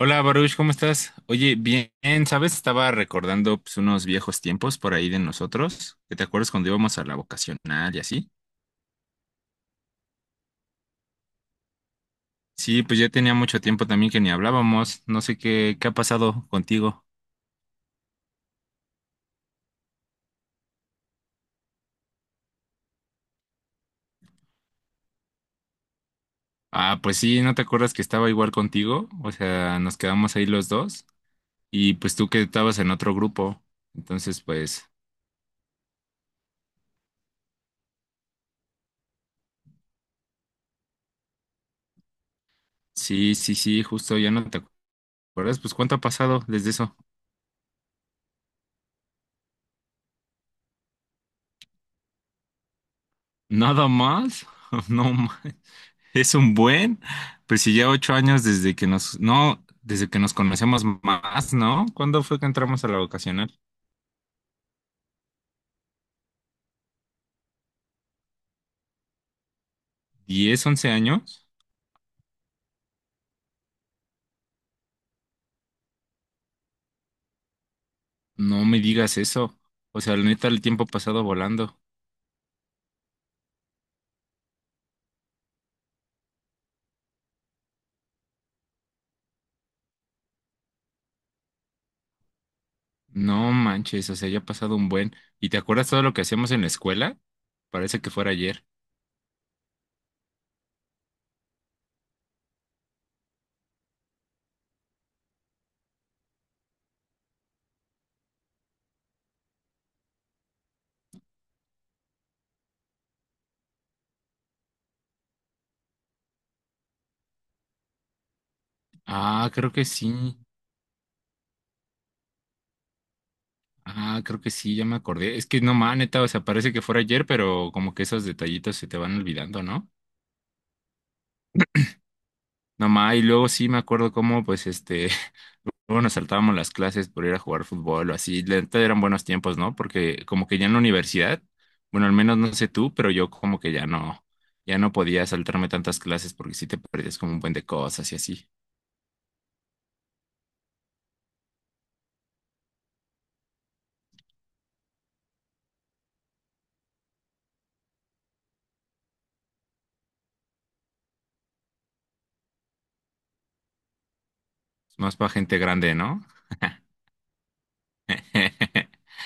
Hola Baruch, ¿cómo estás? Oye, bien, ¿sabes? Estaba recordando pues, unos viejos tiempos por ahí de nosotros, que te acuerdas cuando íbamos a la vocacional y así. Sí, pues ya tenía mucho tiempo también que ni hablábamos, no sé qué, qué ha pasado contigo. Ah, pues sí, ¿no te acuerdas que estaba igual contigo? O sea, nos quedamos ahí los dos y pues tú que estabas en otro grupo. Entonces, pues sí, justo ya no te acuerdas. Pues ¿cuánto ha pasado desde eso? ¿Nada más? No más. Es un buen, pues si ya 8 años desde que nos, no, desde que nos conocemos más, ¿no? ¿Cuándo fue que entramos a la vocacional? ¿10, 11 años? No me digas eso. O sea, la neta, el tiempo ha pasado volando. No manches, o sea, ya ha pasado un buen. ¿Y te acuerdas todo lo que hacíamos en la escuela? Parece que fuera ayer. Ah, creo que sí. Ah, creo que sí, ya me acordé. Es que no ma, neta, o sea, parece que fuera ayer, pero como que esos detallitos se te van olvidando, ¿no? No ma, y luego sí me acuerdo cómo, pues, bueno saltábamos las clases por ir a jugar fútbol o así. La neta eran buenos tiempos, ¿no? Porque como que ya en la universidad, bueno, al menos no sé tú, pero yo como que ya no, ya no podía saltarme tantas clases porque sí te perdías como un buen de cosas y así. Es más para gente grande, ¿no?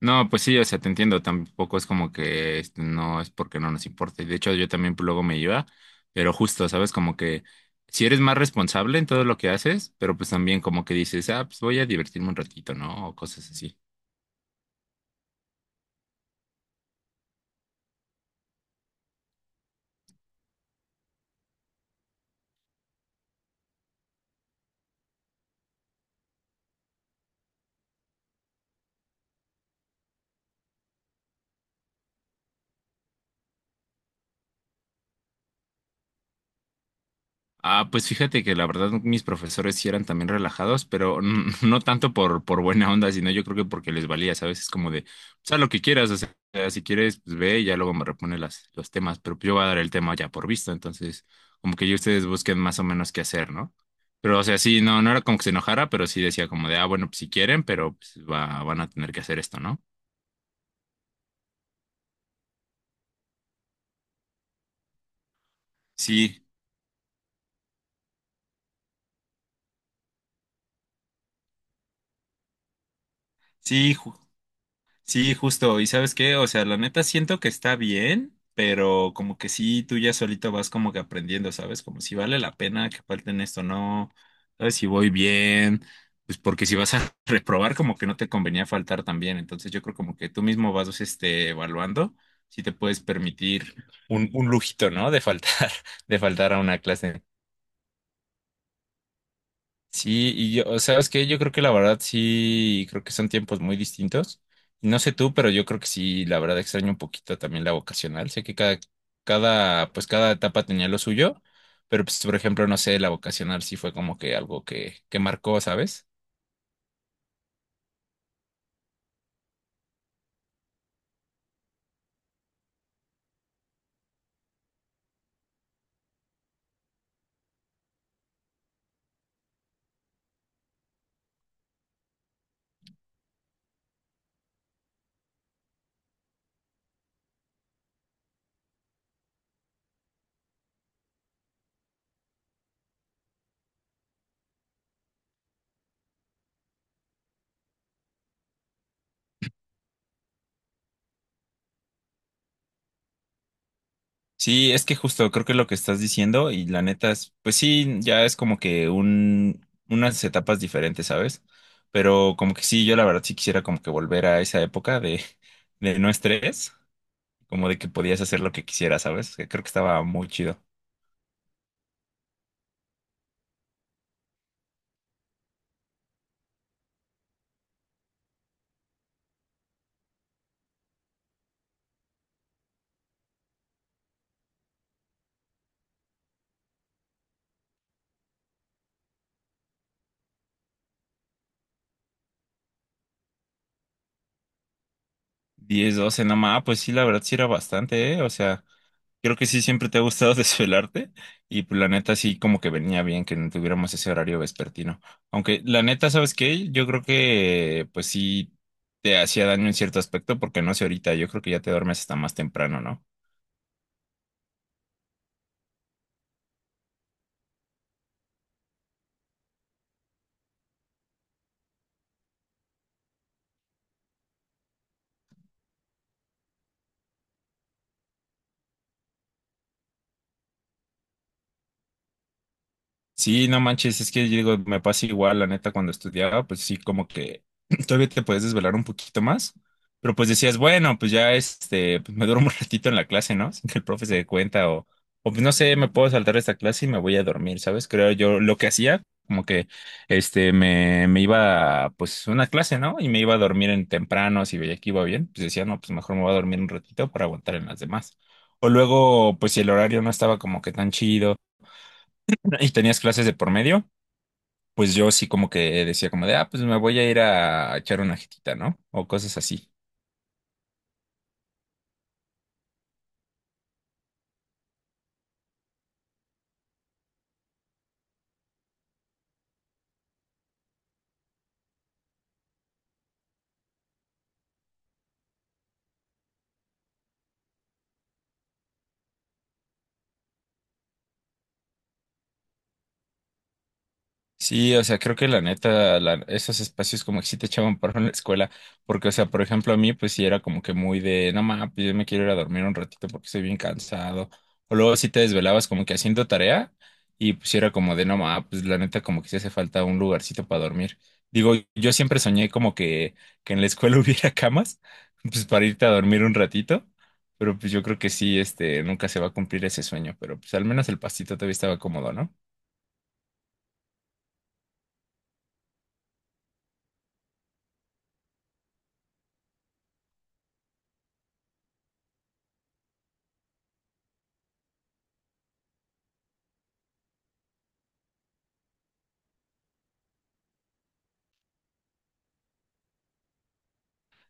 No, pues sí, o sea, te entiendo, tampoco es como que este, no es porque no nos importe. De hecho, yo también luego me iba, pero justo, ¿sabes? Como que si eres más responsable en todo lo que haces, pero pues también como que dices, ah, pues voy a divertirme un ratito, ¿no? O cosas así. Ah, pues fíjate que la verdad mis profesores sí eran también relajados, pero no tanto por buena onda, sino yo creo que porque les valía, ¿sabes? Es como de, pues haz lo que quieras, o sea, si quieres, pues ve y ya luego me repone las, los temas, pero yo voy a dar el tema ya por visto, entonces como que ya ustedes busquen más o menos qué hacer, ¿no? Pero o sea, sí, no, no era como que se enojara, pero sí decía como de, ah, bueno, pues si quieren, pero pues va, van a tener que hacer esto, ¿no? Sí, sí, ju- Sí, justo. ¿Y sabes qué? O sea, la neta siento que está bien, pero como que sí, tú ya solito vas como que aprendiendo, ¿sabes? Como si vale la pena que falten esto, no. ¿Sabes si voy bien? Pues porque si vas a reprobar, como que no te convenía faltar también. Entonces yo creo como que tú mismo vas, este, evaluando si te puedes permitir un lujito, ¿no? De faltar, de faltar a una clase. Sí, y yo, ¿sabes qué? Yo creo que la verdad sí, creo que son tiempos muy distintos. Y no sé tú, pero yo creo que sí, la verdad extraño un poquito también la vocacional. Sé que cada, pues cada etapa tenía lo suyo, pero pues, por ejemplo, no sé, la vocacional sí fue como que algo que marcó, ¿sabes? Sí, es que justo creo que lo que estás diciendo y la neta es, pues sí, ya es como que un, unas etapas diferentes, ¿sabes? Pero como que sí, yo la verdad sí quisiera como que volver a esa época de no estrés como de que podías hacer lo que quisieras, ¿sabes? Que creo que estaba muy chido. 10, 12, no más, pues sí, la verdad sí era bastante, ¿eh? O sea, creo que sí siempre te ha gustado desvelarte y pues la neta sí como que venía bien que no tuviéramos ese horario vespertino. Aunque la neta, ¿sabes qué? Yo creo que pues sí te hacía daño en cierto aspecto porque no sé ahorita, yo creo que ya te duermes hasta más temprano, ¿no? Sí, no manches, es que yo digo, me pasa igual, la neta, cuando estudiaba, pues sí, como que todavía te puedes desvelar un poquito más, pero pues decías, bueno, pues ya este, pues me duermo un ratito en la clase, ¿no? Sin que el profe se dé cuenta, o pues no sé, me puedo saltar esta clase y me voy a dormir, ¿sabes? Creo yo lo que hacía, como que este, me iba, a, pues, una clase, ¿no? Y me iba a dormir en temprano, si veía que iba bien, pues decía, no, pues mejor me voy a dormir un ratito para aguantar en las demás. O luego, pues si el horario no estaba como que tan chido y tenías clases de por medio pues yo sí como que decía como de, ah, pues me voy a ir a echar una jetita, ¿no? O cosas así. Sí, o sea, creo que la neta, esos espacios como que sí te echaban paro en la escuela, porque, o sea, por ejemplo, a mí, pues sí era como que muy de, no mames, pues, yo me quiero ir a dormir un ratito porque estoy bien cansado. O luego sí te desvelabas como que haciendo tarea y pues sí era como de, no mames, pues la neta como que sí hace falta un lugarcito para dormir. Digo, yo siempre soñé como que en la escuela hubiera camas, pues para irte a dormir un ratito, pero pues yo creo que sí, este, nunca se va a cumplir ese sueño, pero pues al menos el pastito todavía estaba cómodo, ¿no?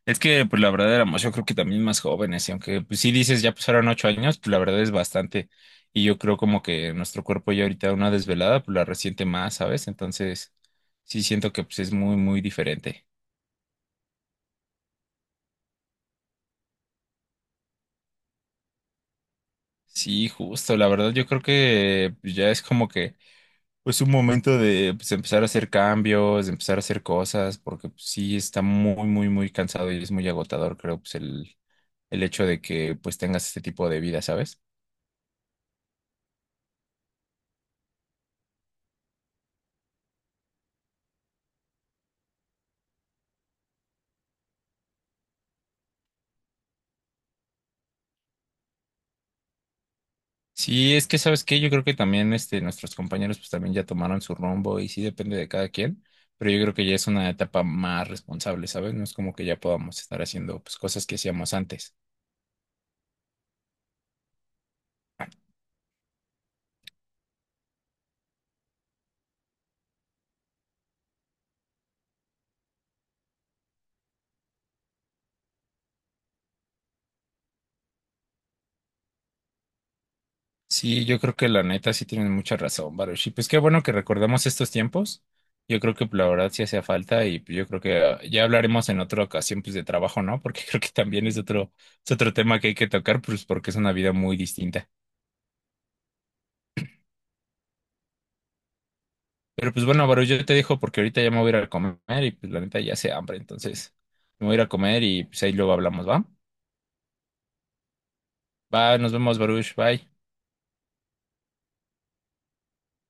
Es que, pues la verdad éramos, yo creo que también más jóvenes, y aunque pues sí dices, ya pasaron 8 años, pues la verdad es bastante. Y yo creo como que nuestro cuerpo ya ahorita una desvelada, pues la resiente más, ¿sabes? Entonces, sí siento que pues es muy, muy diferente. Sí, justo, la verdad yo creo que pues, ya es como que pues un momento de pues empezar a hacer cambios, de empezar a hacer cosas, porque pues, sí está muy, muy, muy cansado y es muy agotador, creo, pues el hecho de que pues tengas este tipo de vida, ¿sabes? Sí, es que sabes qué, yo creo que también este, nuestros compañeros pues también ya tomaron su rumbo y sí depende de cada quien, pero yo creo que ya es una etapa más responsable, ¿sabes? No es como que ya podamos estar haciendo pues cosas que hacíamos antes. Sí, yo creo que la neta sí tienen mucha razón, Baruch. Y pues qué bueno que recordamos estos tiempos. Yo creo que pues, la verdad sí hacía falta y pues, yo creo que ah, ya hablaremos en otra ocasión pues de trabajo, ¿no? Porque creo que también es otro tema que hay que tocar pues porque es una vida muy distinta. Pero pues bueno, Baru, yo te dejo porque ahorita ya me voy a ir a comer y pues la neta ya hace hambre, entonces me voy a ir a comer y pues ahí luego hablamos, ¿va? Va, nos vemos, Baruch, bye.